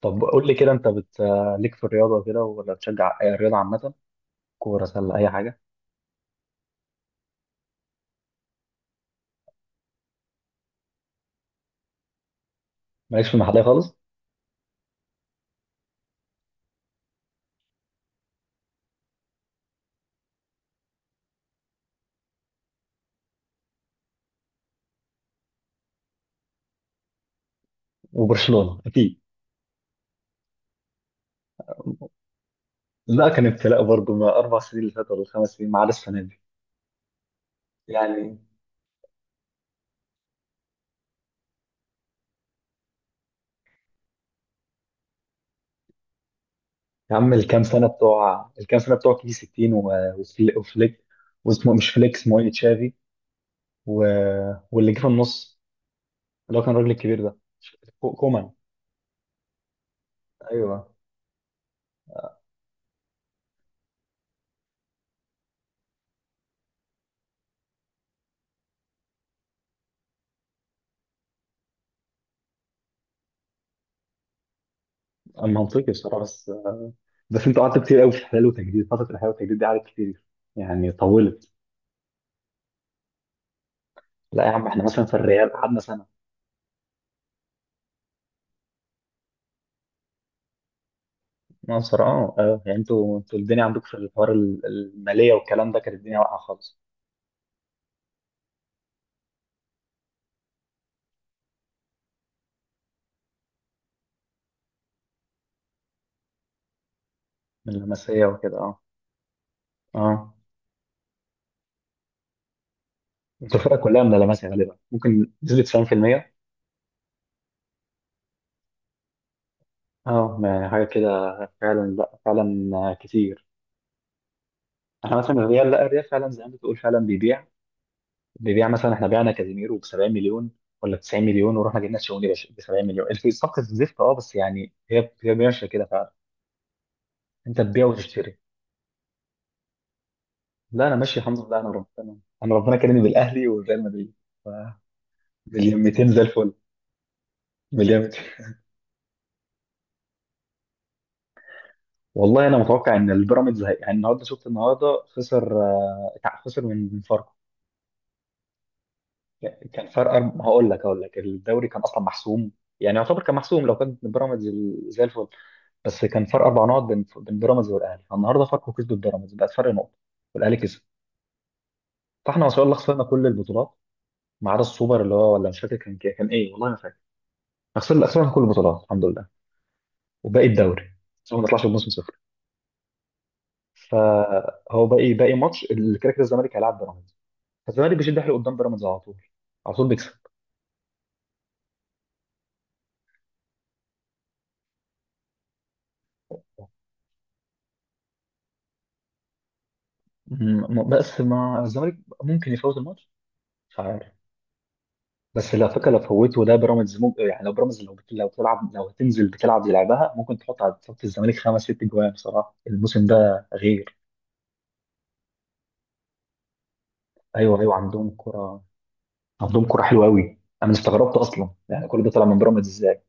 طب قول لي كده. ليك في الرياضه كده، ولا بتشجع اي رياضه عامه؟ كوره، سله، اي حاجه. مالكش في المحليه خالص، وبرشلونه اكيد. لا، كان ابتلاء برضه، ما اربع سنين اللي فاتوا ولا خمس سنين، ما عدا السنه دي يعني. يا عم الكام سنه بتوع كي 60 وفليك، واسمه مش فليك، اسمه ايه، تشافي، و... واللي جه في النص اللي هو كان الراجل الكبير ده. كومان. ايوه. منطقي بصراحه، بس انتوا قعدتوا كتير قوي في الحلال والتجديد. فتره الحلال والتجديد دي قعدت كتير، يعني طولت. لا يا عم، احنا مثلا في الريال قعدنا سنه. مصر، اه يعني انتوا الدنيا عندكم في الحوار الماليه والكلام ده، كانت الدنيا واقعه خالص. من لمسيه وكده، اه. اه، انتوا الفرق كلها من لمسيه غالبا، ممكن نسبه 90%. اه، يعني حاجه كده. فعلا، لا فعلا كتير. احنا مثلا الريال، لا الريال فعلا زي ما بتقول، فعلا بيبيع مثلا، احنا بعنا كازيميرو ب 70 مليون ولا 90 مليون، ورحنا جبنا تشاوميني ب 70 مليون، الصفقه الزفت. اه، بس يعني هي ماشيه كده فعلا. انت تبيع وتشتري. لا انا ماشي الحمد لله، انا ربنا كرمني بالاهلي والريال مدريد. ف- مليون 200 زي الفل. مليون 200. والله انا متوقع ان البيراميدز يعني النهارده شفت، النهارده خسر خسر من فاركو. كان فرق هقول لك الدوري كان اصلا محسوم، يعني يعتبر كان محسوم لو كان بيراميدز زي الفل. بس كان فرق اربع نقط بين بيراميدز والاهلي، فالنهارده فاركو كسب البيراميدز، بقت فرق نقطه، والاهلي كسب. فاحنا ما شاء الله خسرنا كل البطولات، ما عدا السوبر، اللي هو ولا، مش فاكر كان ايه، والله ما فاكر. خسرنا كل البطولات الحمد لله، وباقي الدوري عشان ما نطلعش بموسم صفر. فهو باقي ماتش، اللي كده كده الزمالك هيلعب بيراميدز، فالزمالك بيشد حيله قدام بيراميدز. على طول على طول بيكسب. بس مع الزمالك ممكن يفوز الماتش، مش عارف. بس لو فكره، لو فوته ده بيراميدز، ممكن يعني، لو بيراميدز، لو بتلعب، لو هتنزل بتلعب زي لعبها، ممكن تحط على صف الزمالك خمس ست جوان بصراحه. الموسم ده غير. ايوه ايوه، عندهم كره، عندهم كره حلوه قوي. انا استغربت اصلا، يعني كل ده طلع من بيراميدز ازاي.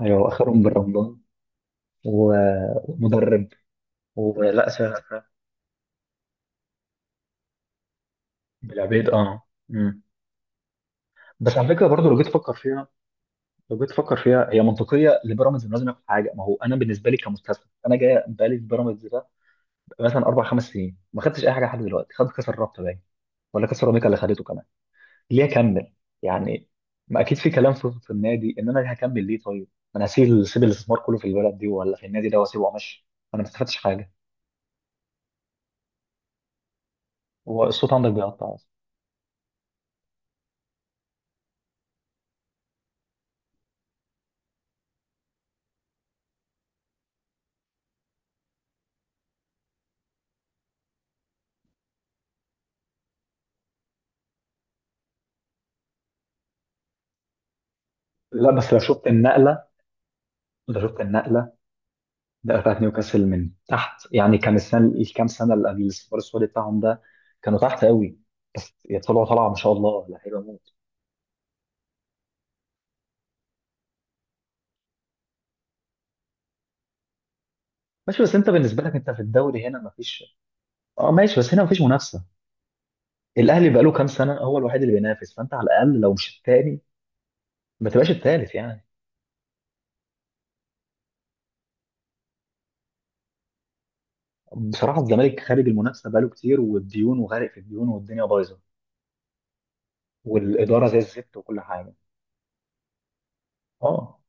ايوه اخرهم بالرمضان، ومدرب ولا سهل. بالعبيد، اه. مم. بس على فكره برضو، لو جيت تفكر فيها، هي منطقيه لبيراميدز، انه لازم ياخد حاجه. ما هو انا بالنسبه لي كمستثمر، انا جاي بقالي في بيراميدز ده مثلا اربع خمس سنين، ما خدتش اي حاجه لحد دلوقتي، خدت كاس الرابطه باين، ولا كاس الرابطه اللي خدته كمان. ليه اكمل يعني؟ ما اكيد في كلام في النادي، ان انا هكمل ليه طيب. ما انا هسيب، سيب الاستثمار كله في البلد دي ولا في النادي ده، واسيبه وامشي، انا ما استفدتش حاجه. هو الصوت عندك بيقطع أصلاً. لا بس لو شفت النقله، لو شفت النقله ده بتاعت نيوكاسل من تحت، يعني كان السنه، الكام سنه اللي قبل الاستثمار السعودي بتاعهم ده، كانوا تحت قوي، بس طلعوا طلعه ما شاء الله، لعيبه موت. ماشي، بس انت بالنسبه لك انت في الدوري هنا ما فيش. اه ماشي، بس هنا ما فيش منافسه. الاهلي بقاله كام سنه هو الوحيد اللي بينافس، فانت على الاقل لو مش الثاني، ما تبقاش الثالث يعني. بصراحه الزمالك خارج المنافسه بقاله كتير، والديون، وغارق في الديون، والدنيا بايظه، والاداره زي الزفت وكل حاجه. اه.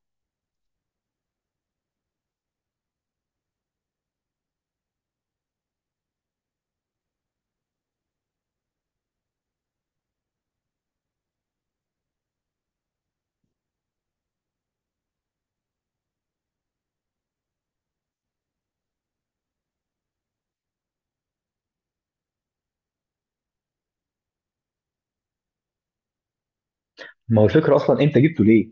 ما هو الفكره اصلا انت جبته ليه؟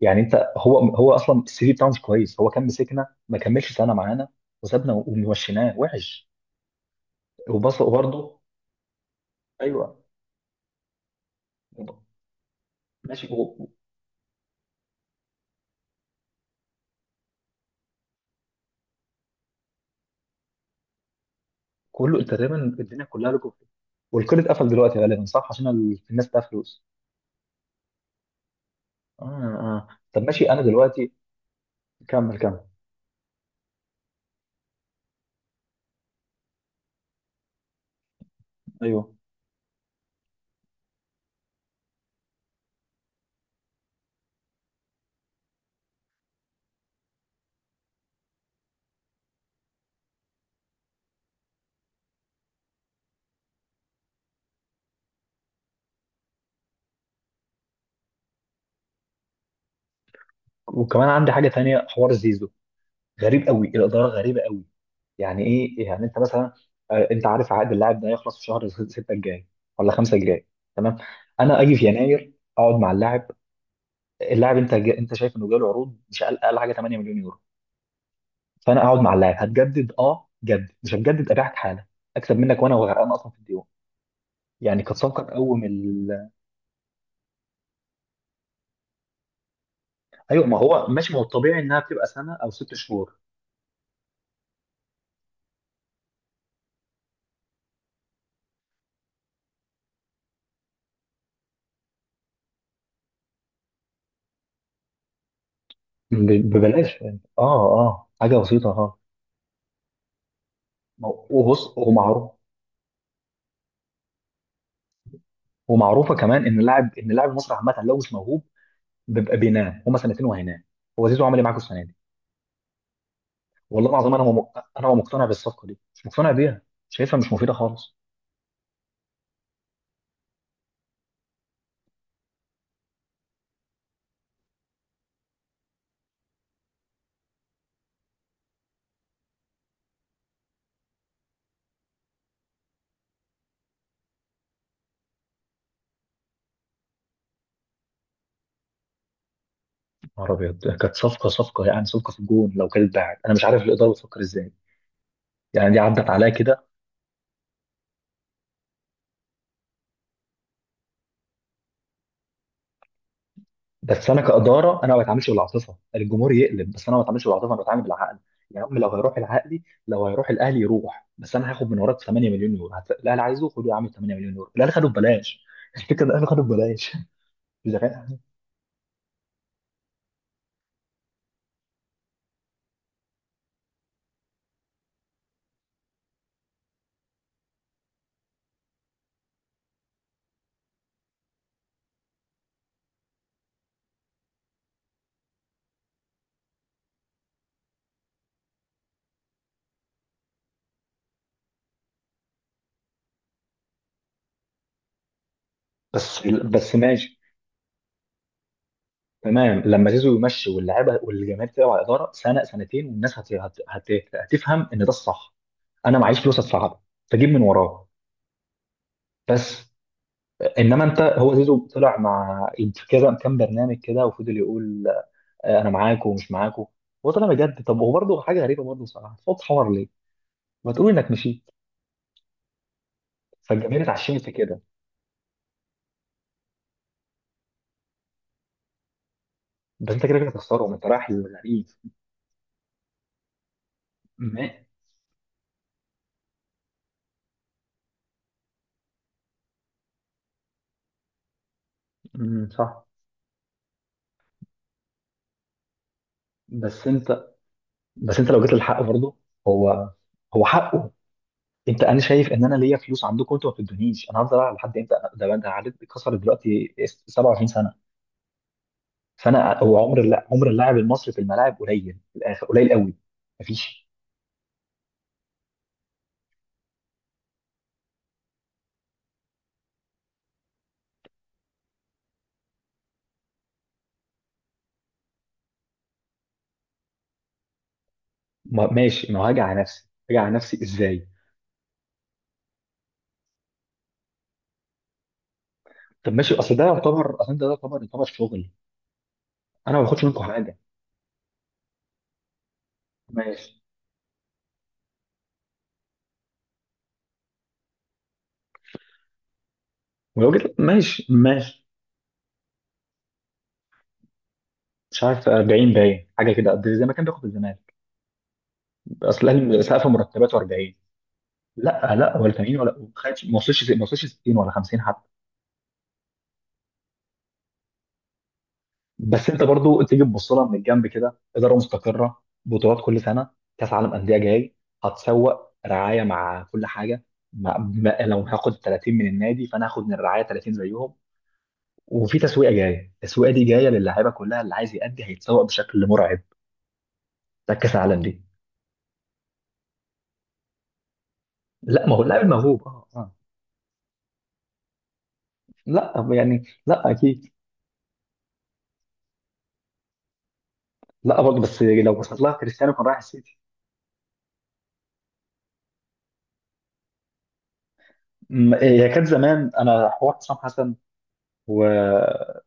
يعني انت، هو اصلا السي في بتاعه مش كويس، هو كان مسكنا ما كملش سنه معانا، وسابنا ومشيناه وحش. وبص برضه. ايوه. ماشي هو- كله انت تقريبا، الدنيا كلها لكم، والكل اتقفل دلوقتي غالبا، صح، عشان الناس بتاع فلوس. اه اه. طب ماشي انا دلوقتي. كمل كمل. ايوه، وكمان عندي حاجه تانية، حوار زيزو. غريب قوي، الاداره غريبه قوي. يعني ايه يعني، انت مثلا انت عارف عقد اللاعب ده هيخلص في شهر 6 الجاي ولا 5 الجاي، تمام. انا اجي في يناير، اقعد مع اللاعب. انت انت شايف انه جاله عروض، مش اقل، اقل حاجه 8 مليون يورو، فانا اقعد مع اللاعب، هتجدد اه جدد، مش هتجدد ابيعك حالا، اكسب منك، وانا وغرقان اصلا في الديون. يعني كانت صفقه تقوم ايوه. ما هو ماشي، ما هو الطبيعي انها بتبقى سنه او ست شهور. ببلاش يعني. اه اه، حاجه بسيطه، اه. ما هو- وبص، ومعروف، ومعروفه كمان، ان اللاعب، المصري عامه لو مش موهوب، بيبقى بينام هما سنتين، وهينام. هو زيزو عمل ايه معاكوا السنه دي؟ والله العظيم انا انا مقتنع بالصفقه دي، مش مقتنع بيها، شايفها مش مفيده خالص. يا نهار ابيض، كانت صفقه، يعني صفقه في الجون لو كانت اتباعت. انا مش عارف الاداره بتفكر ازاي، يعني دي عدت عليا كده. بس انا كاداره انا ما بتعاملش بالعاطفه، الجمهور يقلب، بس انا ما بتعاملش بالعاطفه، انا بتعامل بالعقل. يا عم لو هيروح العقلي، لو هيروح الاهلي يروح، بس انا هاخد من وراك 8 مليون يورو. الاهلي عايزه، خده يا عم، 8 مليون يورو. الاهلي خده ببلاش الفكره ده، الاهلي خده ببلاش. إذا كان- بس ماشي، تمام. لما زيزو يمشي، واللعيبه والجماهير تلعب على الاداره سنه سنتين، والناس هتفهم ان ده الصح، انا معيش فلوس ادفعها، فجيب من وراه. بس انما انت، هو زيزو طلع مع كذا كام برنامج كده، وفضل يقول انا معاكم ومش معاكم. هو طلع بجد. طب هو برضه حاجه غريبه برضه صراحه، صوت حوار ليه؟ ما تقول انك مشيت، فالجماهير اتعشمت في كده، بس انت كده كده هتخسرهم، انت رايح للغريب. ما- صح. بس انت بس انت لو جيت للحق برضه، هو هو حقه. انا شايف ان انا ليا فلوس عندكم، انتوا ما بتدونيش. انا هفضل العب لحد امتى؟ ده عدد كسر دلوقتي 27 سنه، فانا هو عمر عمر اللاعب المصري في الملاعب قليل، في الاخر قليل قوي مفيش. ما ماشي، ما هاجي على نفسي، ازاي؟ طب ماشي، اصل ده يعتبر، شغل، انا ما باخدش منكم حاجه. ماشي. ولو جيت ماشي، مش عارف 40 باين حاجه كده قد زي ما كان بياخد الزمالك، اصل الاهلي سقف مرتباته 40. لا لا، ولا 80، ولا ما خدش، ما وصلش 60 ولا 50. بس انت برضو تيجي تبص لها من الجنب كده، اداره مستقره، بطولات كل سنه، كاس عالم انديه جاي، هتسوق رعايه مع كل حاجه. مع ما لو هاخد 30 من النادي، فانا هاخد من الرعايه 30 زيهم، وفي تسويقه جايه، التسويقه دي جايه للعيبه كلها اللي عايز يأدي، هيتسوق بشكل مرعب، ده كاس العالم دي. لا ما هو اللاعب موهوب، اه اه. لا يعني، لا اكيد. لا برضه، بس لو بصيت لها، كريستيانو كان رايح السيتي. هي كانت زمان انا حوار حسام حسن، و،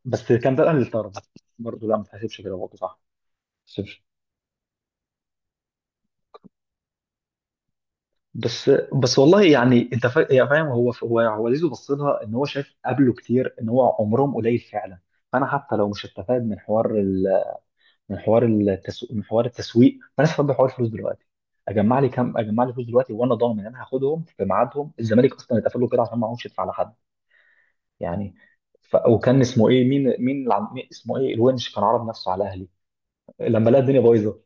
بس كان ده الاهلي اللي طرد برضه، لا ما تحسبش كده، برضه صح، ما تحسبش. بس والله يعني، انت يا فاهم، هو زيزو بص لها ان هو شايف قبله كتير ان هو عمرهم قليل فعلا، فانا حتى لو مش هستفاد من حوار من حوار التسويق، فانا استفاد بحوار الفلوس دلوقتي. اجمع لي كام، اجمع لي فلوس دلوقتي، وانا ضامن ان انا هاخدهم في ميعادهم. الزمالك اصلا اتقفل له كده عشان ما عرفش يدفع لحد يعني. وكان اسمه ايه، مين اسمه ايه، الونش كان عرض نفسه على الاهلي لما لقى الدنيا بايظه،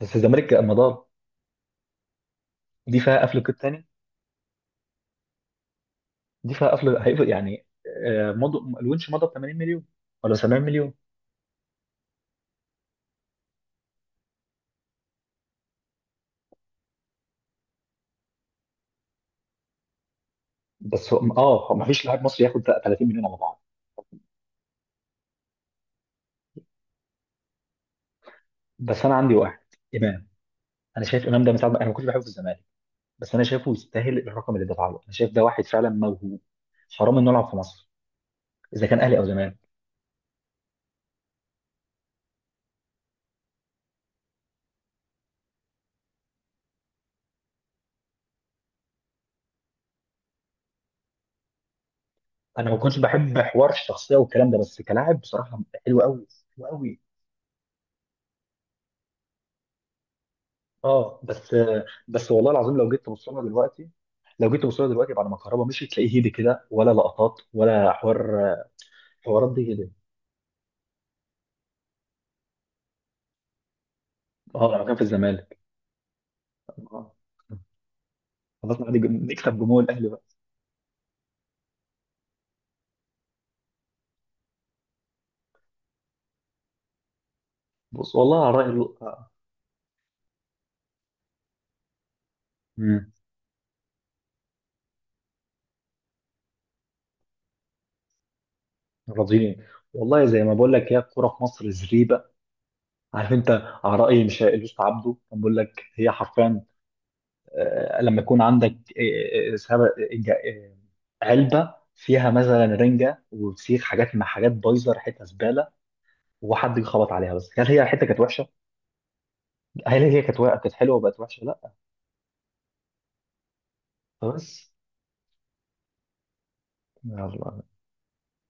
بس الزمالك مضى. دي فيها قفل قيد تاني، دي فيها قفل هيقفل يعني. مضوا الونش، مضى ب 80 مليون ولا 70 مليون. اه ما فيش لاعب مصري ياخد 30 مليون على بعض. بس انا عندي واحد، امام. انا شايف امام ده من ساعه انا ما كنتش بحبه في الزمالك، بس انا شايفه يستاهل الرقم اللي دفع له. انا شايف ده واحد فعلا موهوب، حرام انه يلعب في مصر، اذا كان اهلي او زمالك. انا ما كنتش بحب حوار الشخصيه والكلام ده، بس كلاعب بصراحه حلو قوي، حلو قوي، اه. بس والله العظيم لو جيت تبص لها دلوقتي، بعد ما الكهرباء مشيت، تلاقيه هيدي كده ولا لقطات ولا حوار، حوارات دي هيدي. اه لما كان في الزمالك. آه. خلاص عادي، نكسب جمهور الاهلي بقى. بص والله على الراي آه. مم. راضيين. والله زي ما بقول لك، هي الكوره في مصر زريبه. عارف انت، على راي مش الوسط عبده كان بيقول لك، هي حرفيا لما يكون عندك آه، علبه فيها مثلا رنجه وفسيخ، حاجات مع حاجات بايظه، ريحتها زباله، وحد يخبط عليها. بس هل هي الحته كانت وحشه؟ هل هي كانت كانت حلوه وبقت وحشه؟ لا. بس يلا.